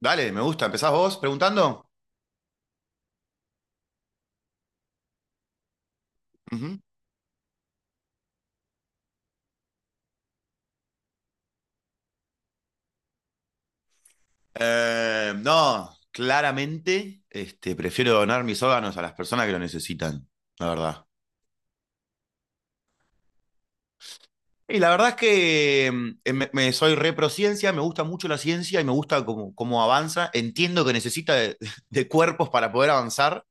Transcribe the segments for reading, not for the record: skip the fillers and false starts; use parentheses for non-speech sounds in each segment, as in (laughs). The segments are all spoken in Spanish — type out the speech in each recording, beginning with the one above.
Dale, me gusta. ¿Empezás vos preguntando? Ujú. No, claramente, prefiero donar mis órganos a las personas que lo necesitan, la verdad. Y la verdad es que soy reprociencia, me gusta mucho la ciencia y me gusta cómo avanza. Entiendo que necesita (laughs) de cuerpos para poder avanzar,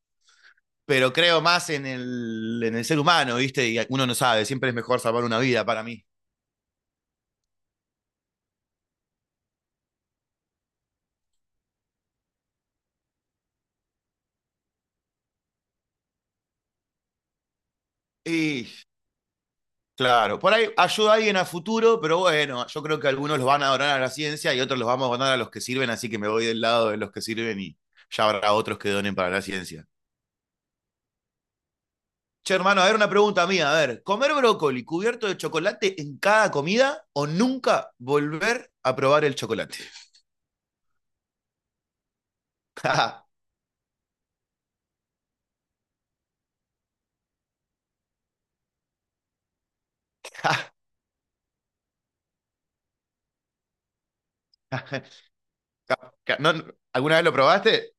pero creo más en en el ser humano, ¿viste? Y uno no sabe, siempre es mejor salvar una vida para mí. Y claro, por ahí ayuda a alguien a futuro, pero bueno, yo creo que algunos los van a donar a la ciencia y otros los vamos a donar a los que sirven, así que me voy del lado de los que sirven y ya habrá otros que donen para la ciencia. Che, hermano, a ver una pregunta mía, a ver, ¿comer brócoli cubierto de chocolate en cada comida o nunca volver a probar el chocolate? (laughs) ¿No- ¿Alguna vez lo probaste?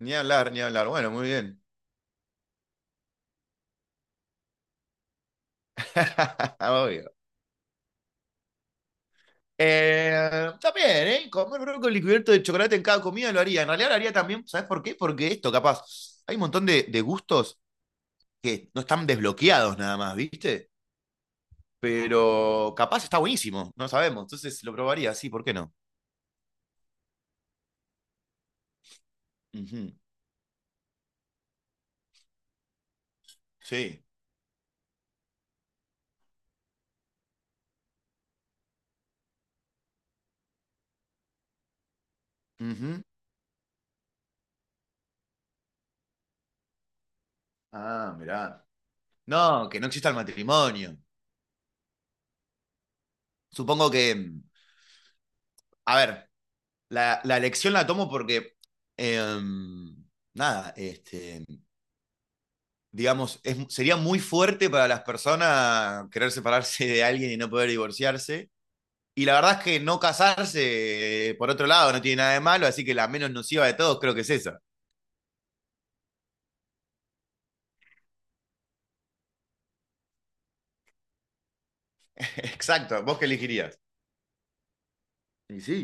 Ni hablar, ni hablar. Bueno, muy bien. (laughs) Obvio. También, ¿eh? Comer brócoli cubierto de chocolate en cada comida lo haría. En realidad lo haría también, ¿sabes por qué? Porque esto, capaz, hay un montón de gustos que no están desbloqueados nada más, ¿viste? Pero capaz está buenísimo, no sabemos. Entonces lo probaría, sí, ¿por qué no? Ujú. Sí. Ujú. Ah, mirá. No, que no exista el matrimonio. Supongo que, mm, a ver, la, la, elección la tomo porque, em, nada, este, digamos, es- sería muy fuerte para las personas querer separarse de alguien y no poder divorciarse. Y la verdad es que no casarse, por otro lado, no tiene nada de malo, así que la menos nociva de todos creo que es esa. (laughs) Exacto, ¿vos qué elegirías? Y sí.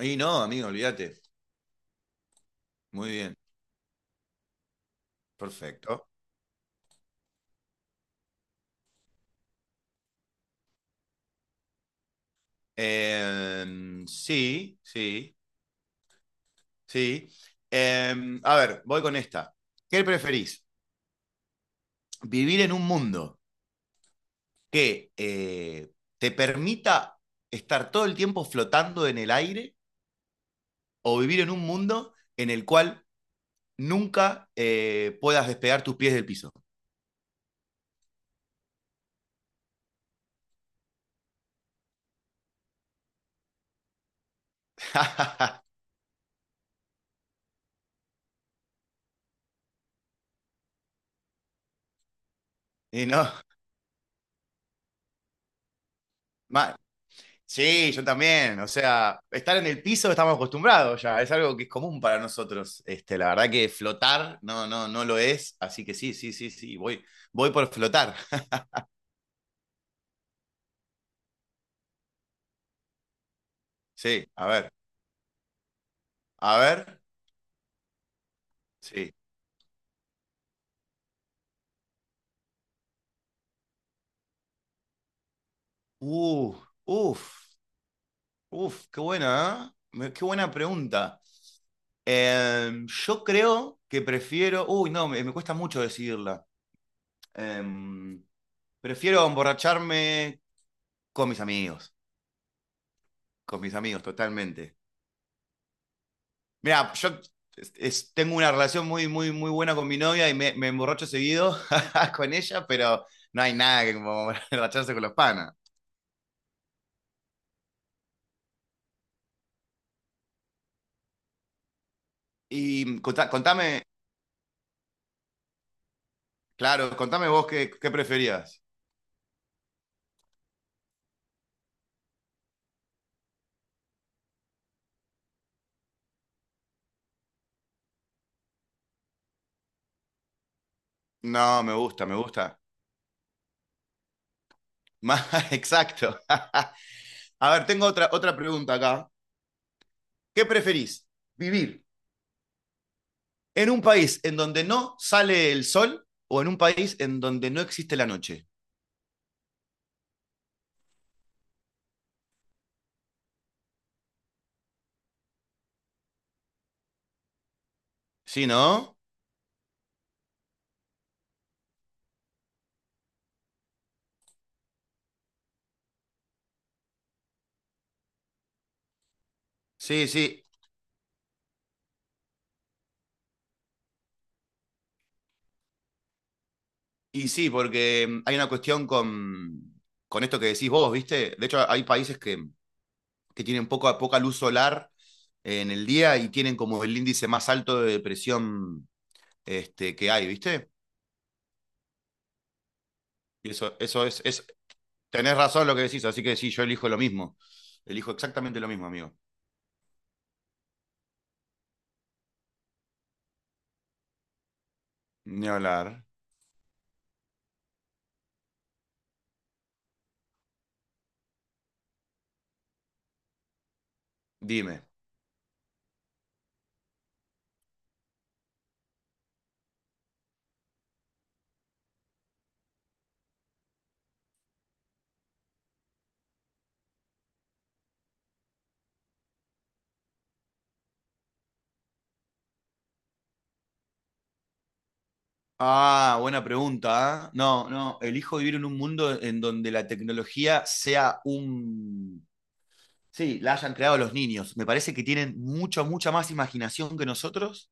Y no, amigo, olvídate. Muy bien, perfecto. Sí, sí. A ver, voy con esta. ¿Qué preferís? ¿Vivir en un mundo que te permita estar todo el tiempo flotando en el aire o vivir en un mundo en el cual nunca puedas despegar tus pies del piso? (laughs) Y no, mal. Sí, yo también. O sea, estar en el piso estamos acostumbrados ya. Es algo que es común para nosotros. La verdad que flotar no, no, no lo es. Así que sí, sí, sí, sí. Voy por flotar. (laughs) Sí, a ver. A ver. Sí. Uh, uf. Uf, qué buena, ¿eh? Me- Qué buena pregunta. Yo creo que prefiero. Uy, no, me cuesta mucho decidirla. Em, Prefiero emborracharme con mis amigos. Con mis amigos, totalmente. Mira, yo tengo una relación muy, muy, muy buena con mi novia y me emborracho seguido (laughs) con ella, pero no hay nada que como (laughs) emborracharse con los panas. Y contame, claro, contame vos qué preferías. No, me gusta, me gusta. Ma- (laughs) Exacto. (laughs) A ver, tengo otra pregunta acá. ¿Qué preferís? ¿Vivir en un país en donde no sale el sol o en un país en donde no existe la noche? Sí, ¿no? Sí, sí. Y sí, porque hay una cuestión con esto que decís vos, ¿viste? De hecho, hay países que tienen poca luz solar en el día y tienen como el índice más alto de depresión que hay, ¿viste? Y es. Tenés razón lo que decís, así que sí, yo elijo lo mismo. Elijo exactamente lo mismo, amigo. Ni hablar. Dime. Ah, buena pregunta, ¿eh? No, no, elijo vivir en un mundo en donde la tecnología sea un... Sí, la hayan creado los niños. Me parece que tienen mucha, mucha más imaginación que nosotros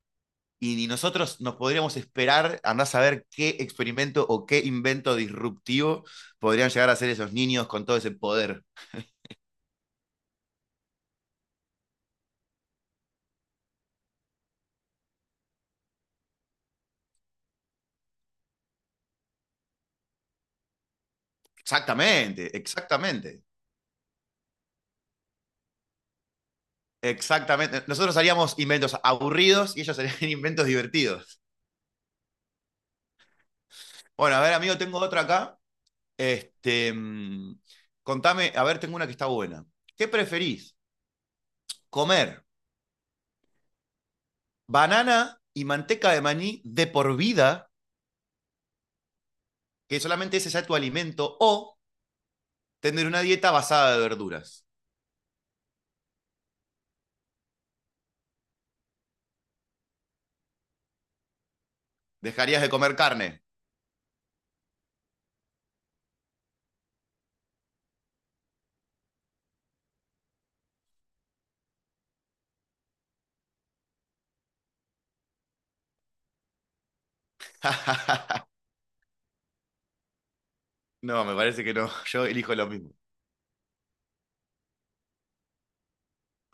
y ni nosotros nos podríamos esperar, andar a saber qué experimento o qué invento disruptivo podrían llegar a hacer esos niños con todo ese poder. Exactamente, exactamente. Exactamente. Nosotros haríamos inventos aburridos y ellos harían (laughs) inventos divertidos. Bueno, a ver, amigo, tengo otra acá. Este, mm, Contame, a ver, tengo una que está buena. ¿Qué preferís? ¿Comer banana y manteca de maní de por vida, que solamente ese sea tu alimento, o tener una dieta basada de verduras? ¿Dejarías de comer carne? (laughs) No, me parece que no. Yo elijo lo mismo.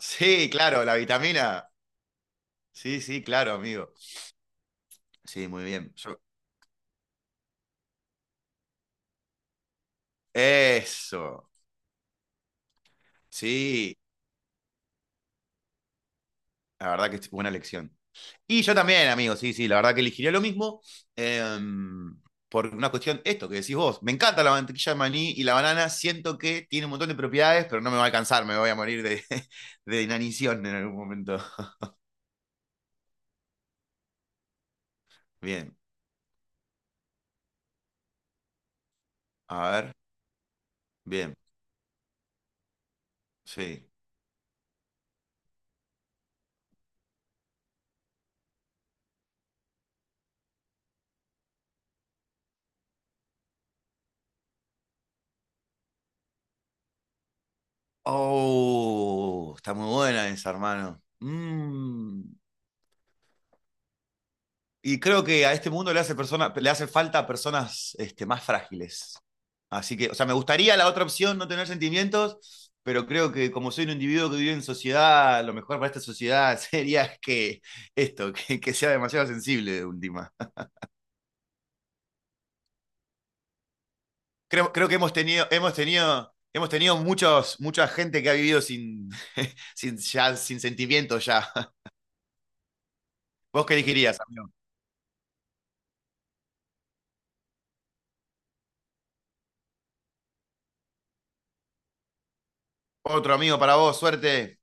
Sí, claro, la vitamina. Sí, sí, claro, amigo. Sí, muy bien. Yo- Eso. Sí, la verdad que es buena elección. Y yo también, amigo, sí, sí, la verdad que elegiría lo mismo. em, por una cuestión, esto que decís vos. Me encanta la mantequilla de maní y la banana. Siento que tiene un montón de propiedades, pero no me va a alcanzar. Me voy a morir de, (laughs) de inanición en algún momento. Bien, a ver. Bien, sí. Oh, está muy buena esa, hermano. Mm. Y creo que a este mundo le hace, persona, le hace falta a personas más frágiles. Así que, o sea, me gustaría la otra opción, no tener sentimientos, pero creo que como soy un individuo que vive en sociedad, lo mejor para esta sociedad (laughs) sería que que sea demasiado sensible de última. Creo que hemos tenido mucha gente que ha vivido sin, (laughs) sin sentimientos ya. ¿Vos qué elegirías, amigo? Otro amigo para vos, suerte.